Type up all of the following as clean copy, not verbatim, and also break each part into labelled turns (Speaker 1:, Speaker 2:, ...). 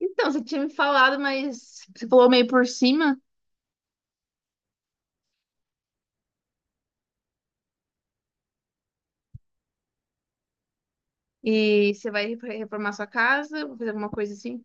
Speaker 1: Então, você tinha me falado, mas você falou meio por cima e você vai reformar sua casa, vou fazer alguma coisa assim.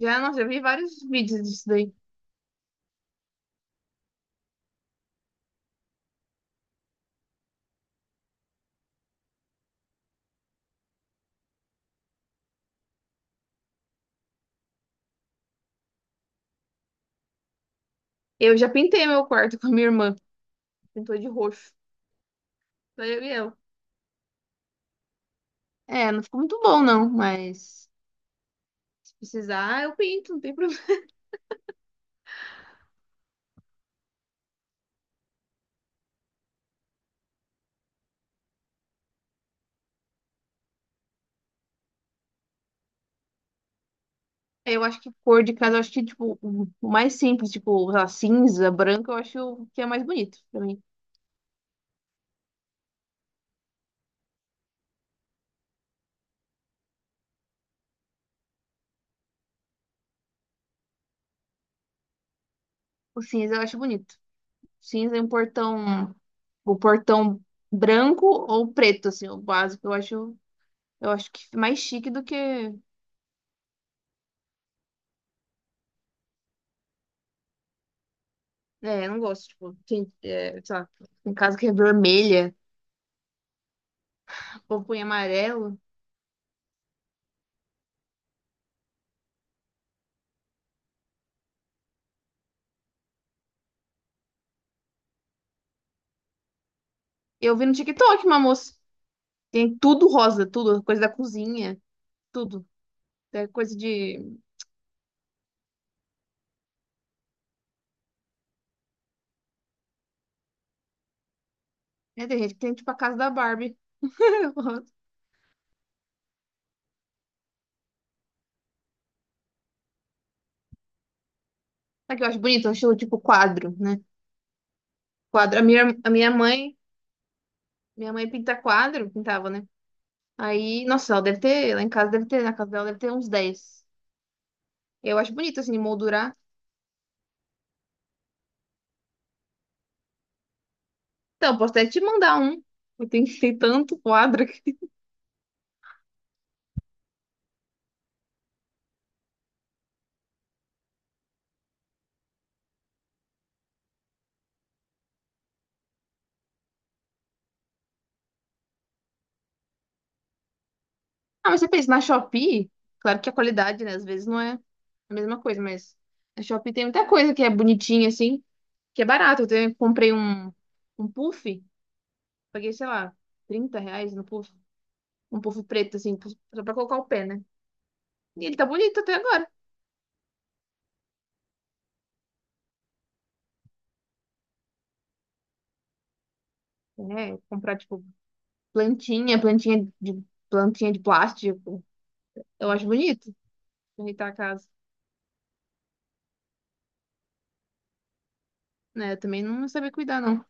Speaker 1: Já, nossa, já vi vários vídeos disso daí. Eu já pintei meu quarto com a minha irmã, pintou de roxo. Daí eu e eu É, não ficou muito bom não, mas se precisar eu pinto, não tem problema. Eu acho que cor de casa, eu acho que tipo o mais simples, tipo, sei lá, cinza, branco, eu acho que é mais bonito pra mim. O cinza eu acho bonito. Cinza e um portão, o portão branco ou preto, assim, o básico. Eu acho que mais chique do que. É, eu não gosto, tipo, tem, é, sei lá, em casa que é vermelha, ou põe amarelo. Eu vi no TikTok uma moça, tem tudo rosa, tudo, coisa da cozinha, tudo. É coisa de. É, tem gente que tem, tipo, a casa da Barbie. Sabe o que eu acho bonito? Eu acho, tipo, quadro, né? Quadro. A minha mãe pinta quadro, pintava, né? Aí, nossa, ela deve ter, lá em casa deve ter, na casa dela deve ter uns dez. Eu acho bonito, assim, de moldurar. Então, posso até te mandar um. Eu tenho tem tanto quadro aqui. Ah, mas você pensa, na Shopee, claro que a qualidade, né, às vezes não é a mesma coisa, mas na Shopee tem muita coisa que é bonitinha, assim, que é barato. Comprei um, um puff, paguei, sei lá, R$ 30 no puff. Um puff preto, assim, só pra colocar o pé, né? E ele tá bonito até agora. É, comprar, tipo, plantinha, plantinha de, plantinha de plástico. Eu acho bonito ajeitar a casa, né? Eu também não sabia cuidar, não.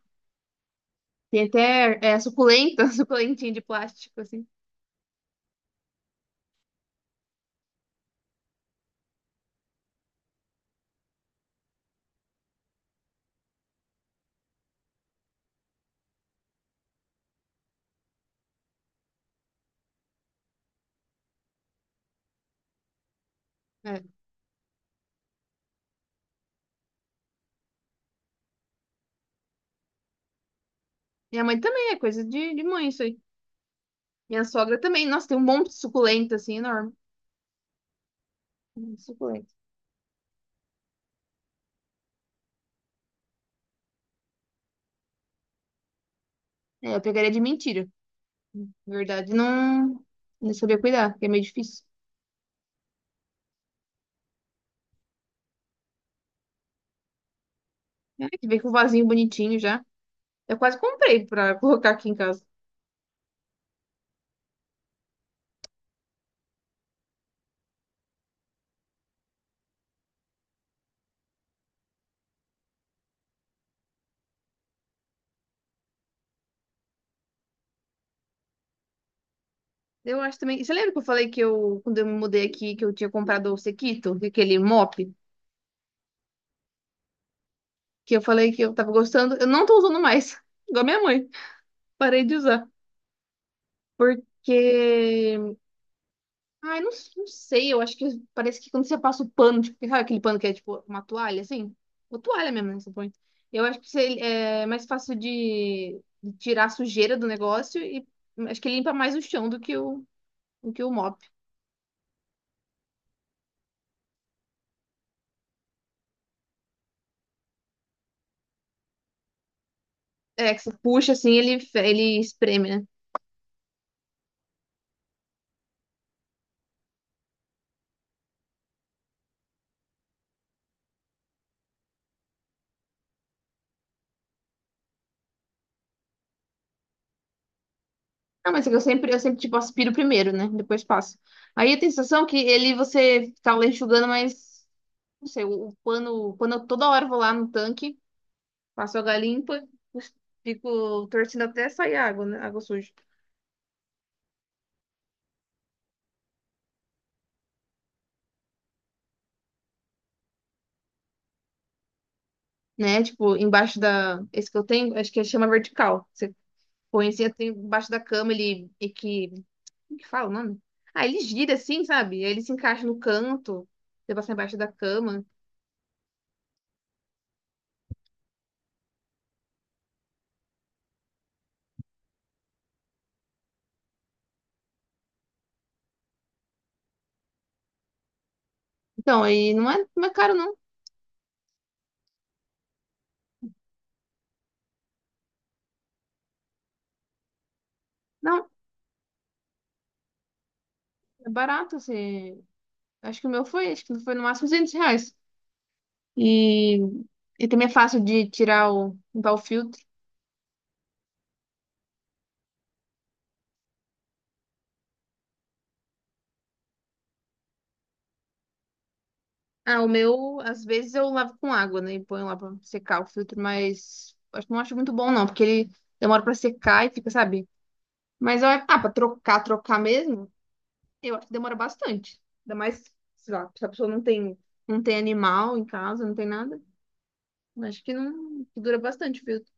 Speaker 1: Tem até é, suculenta, suculentinha de plástico, assim. É. Minha mãe também, é coisa de mãe isso aí. Minha sogra também. Nossa, tem um monte de suculenta, assim, enorme. Muito suculenta. É, eu pegaria de mentira. Na verdade, não, não sabia cuidar, que é meio difícil. É, que vem com o vasinho bonitinho já. Eu quase comprei pra colocar aqui em casa. Eu acho também. Você lembra que eu falei que eu, quando eu me mudei aqui, que eu tinha comprado o Sequito, aquele mop? Que eu falei que eu tava gostando. Eu não tô usando mais, igual minha mãe. Parei de usar. Porque. Ai, não, não sei, eu acho que parece que quando você passa o pano, tipo, sabe aquele pano que é tipo uma toalha, assim? Uma toalha mesmo, né? Você põe. Eu acho que você- é mais fácil de tirar a sujeira do negócio e acho que ele limpa mais o chão do que o mop. É, que você puxa assim, ele, ele espreme, né? Não, mas é que tipo, aspiro primeiro, né? Depois passo. Aí eu tenho a sensação que ele, você tá lá enxugando, mas não sei, o pano, quando eu toda hora vou lá no tanque, passo água limpa, cus- fico torcendo até sair água, né? Água suja. Né? Tipo, embaixo da. Esse que eu tenho, acho que chama vertical. Você põe assim, tem embaixo da cama, ele. E que. Como que fala o nome? Ah, ele gira assim, sabe? Aí ele se encaixa no canto, você passa embaixo da cama. Então, aí não é, não é caro, não. Não, é barato, assim. Acho que o meu foi, acho que foi no máximo R$ 200. E, e também é fácil de tirar o, limpar o filtro. Ah, o meu, às vezes eu lavo com água, né? E ponho lá pra secar o filtro, mas acho, não acho muito bom, não, porque ele demora pra secar e fica, sabe? Mas olha, ah, pra trocar, trocar mesmo, eu acho que demora bastante. Ainda mais, sei lá, se a pessoa não tem, não tem animal em casa, não tem nada. Eu acho que não, que dura bastante o filtro.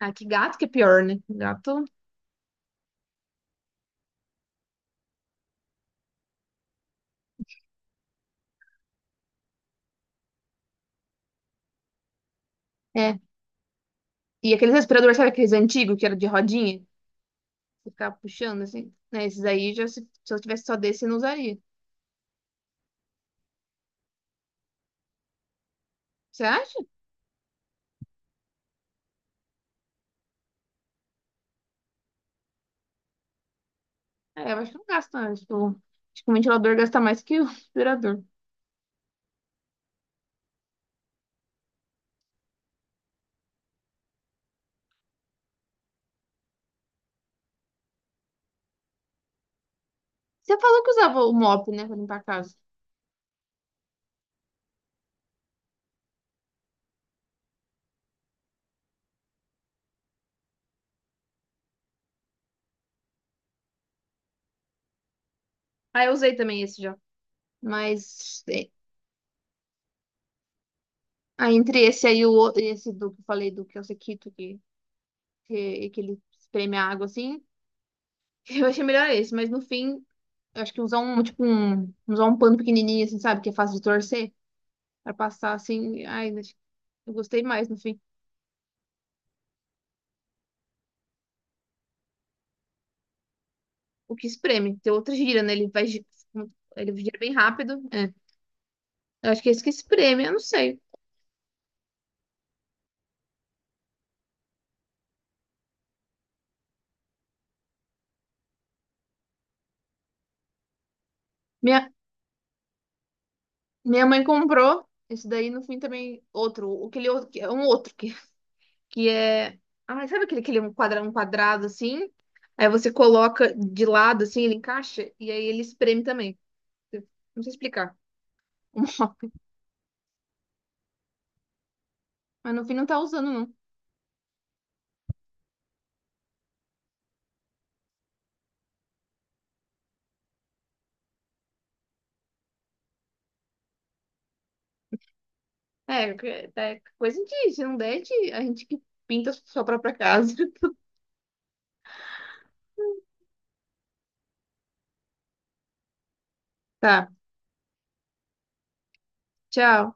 Speaker 1: Ah, que gato que é pior, né? Gato. É. E aqueles respiradores, sabe aqueles antigos que era de rodinha? Você ficava puxando assim, né? Esses aí já, se eu tivesse só desse, eu não usaria. Você acha? É, eu acho que não gasta, né? Tipo, acho que o ventilador gasta mais que o aspirador. Você falou que usava o mop, né, pra limpar a casa. Ah, eu usei também esse já. Mas, é, ah, entre esse aí e o outro, esse do que eu falei, do que é o sequito, que ele espreme a água assim, eu achei melhor esse. Mas no fim, eu acho que usar um, tipo, um, usar um pano pequenininho, assim, sabe, que é fácil de torcer, pra passar assim, ai, acho que eu gostei mais no fim. O que espreme, tem outra gira, né, ele vai, ele gira bem rápido, é. Eu acho que é esse que espreme, eu não sei. Minha, Minha mãe comprou esse daí, no fim também outro, aquele outro, que é um outro que é, ai, sabe aquele que ele é um quadrado assim? Aí você coloca de lado assim, ele encaixa e aí ele espreme também. Eu não sei explicar. o nome. Mas no fim não tá usando não. É, é coisa de, se não der, a gente que pinta a sua própria casa. Tá, tchau.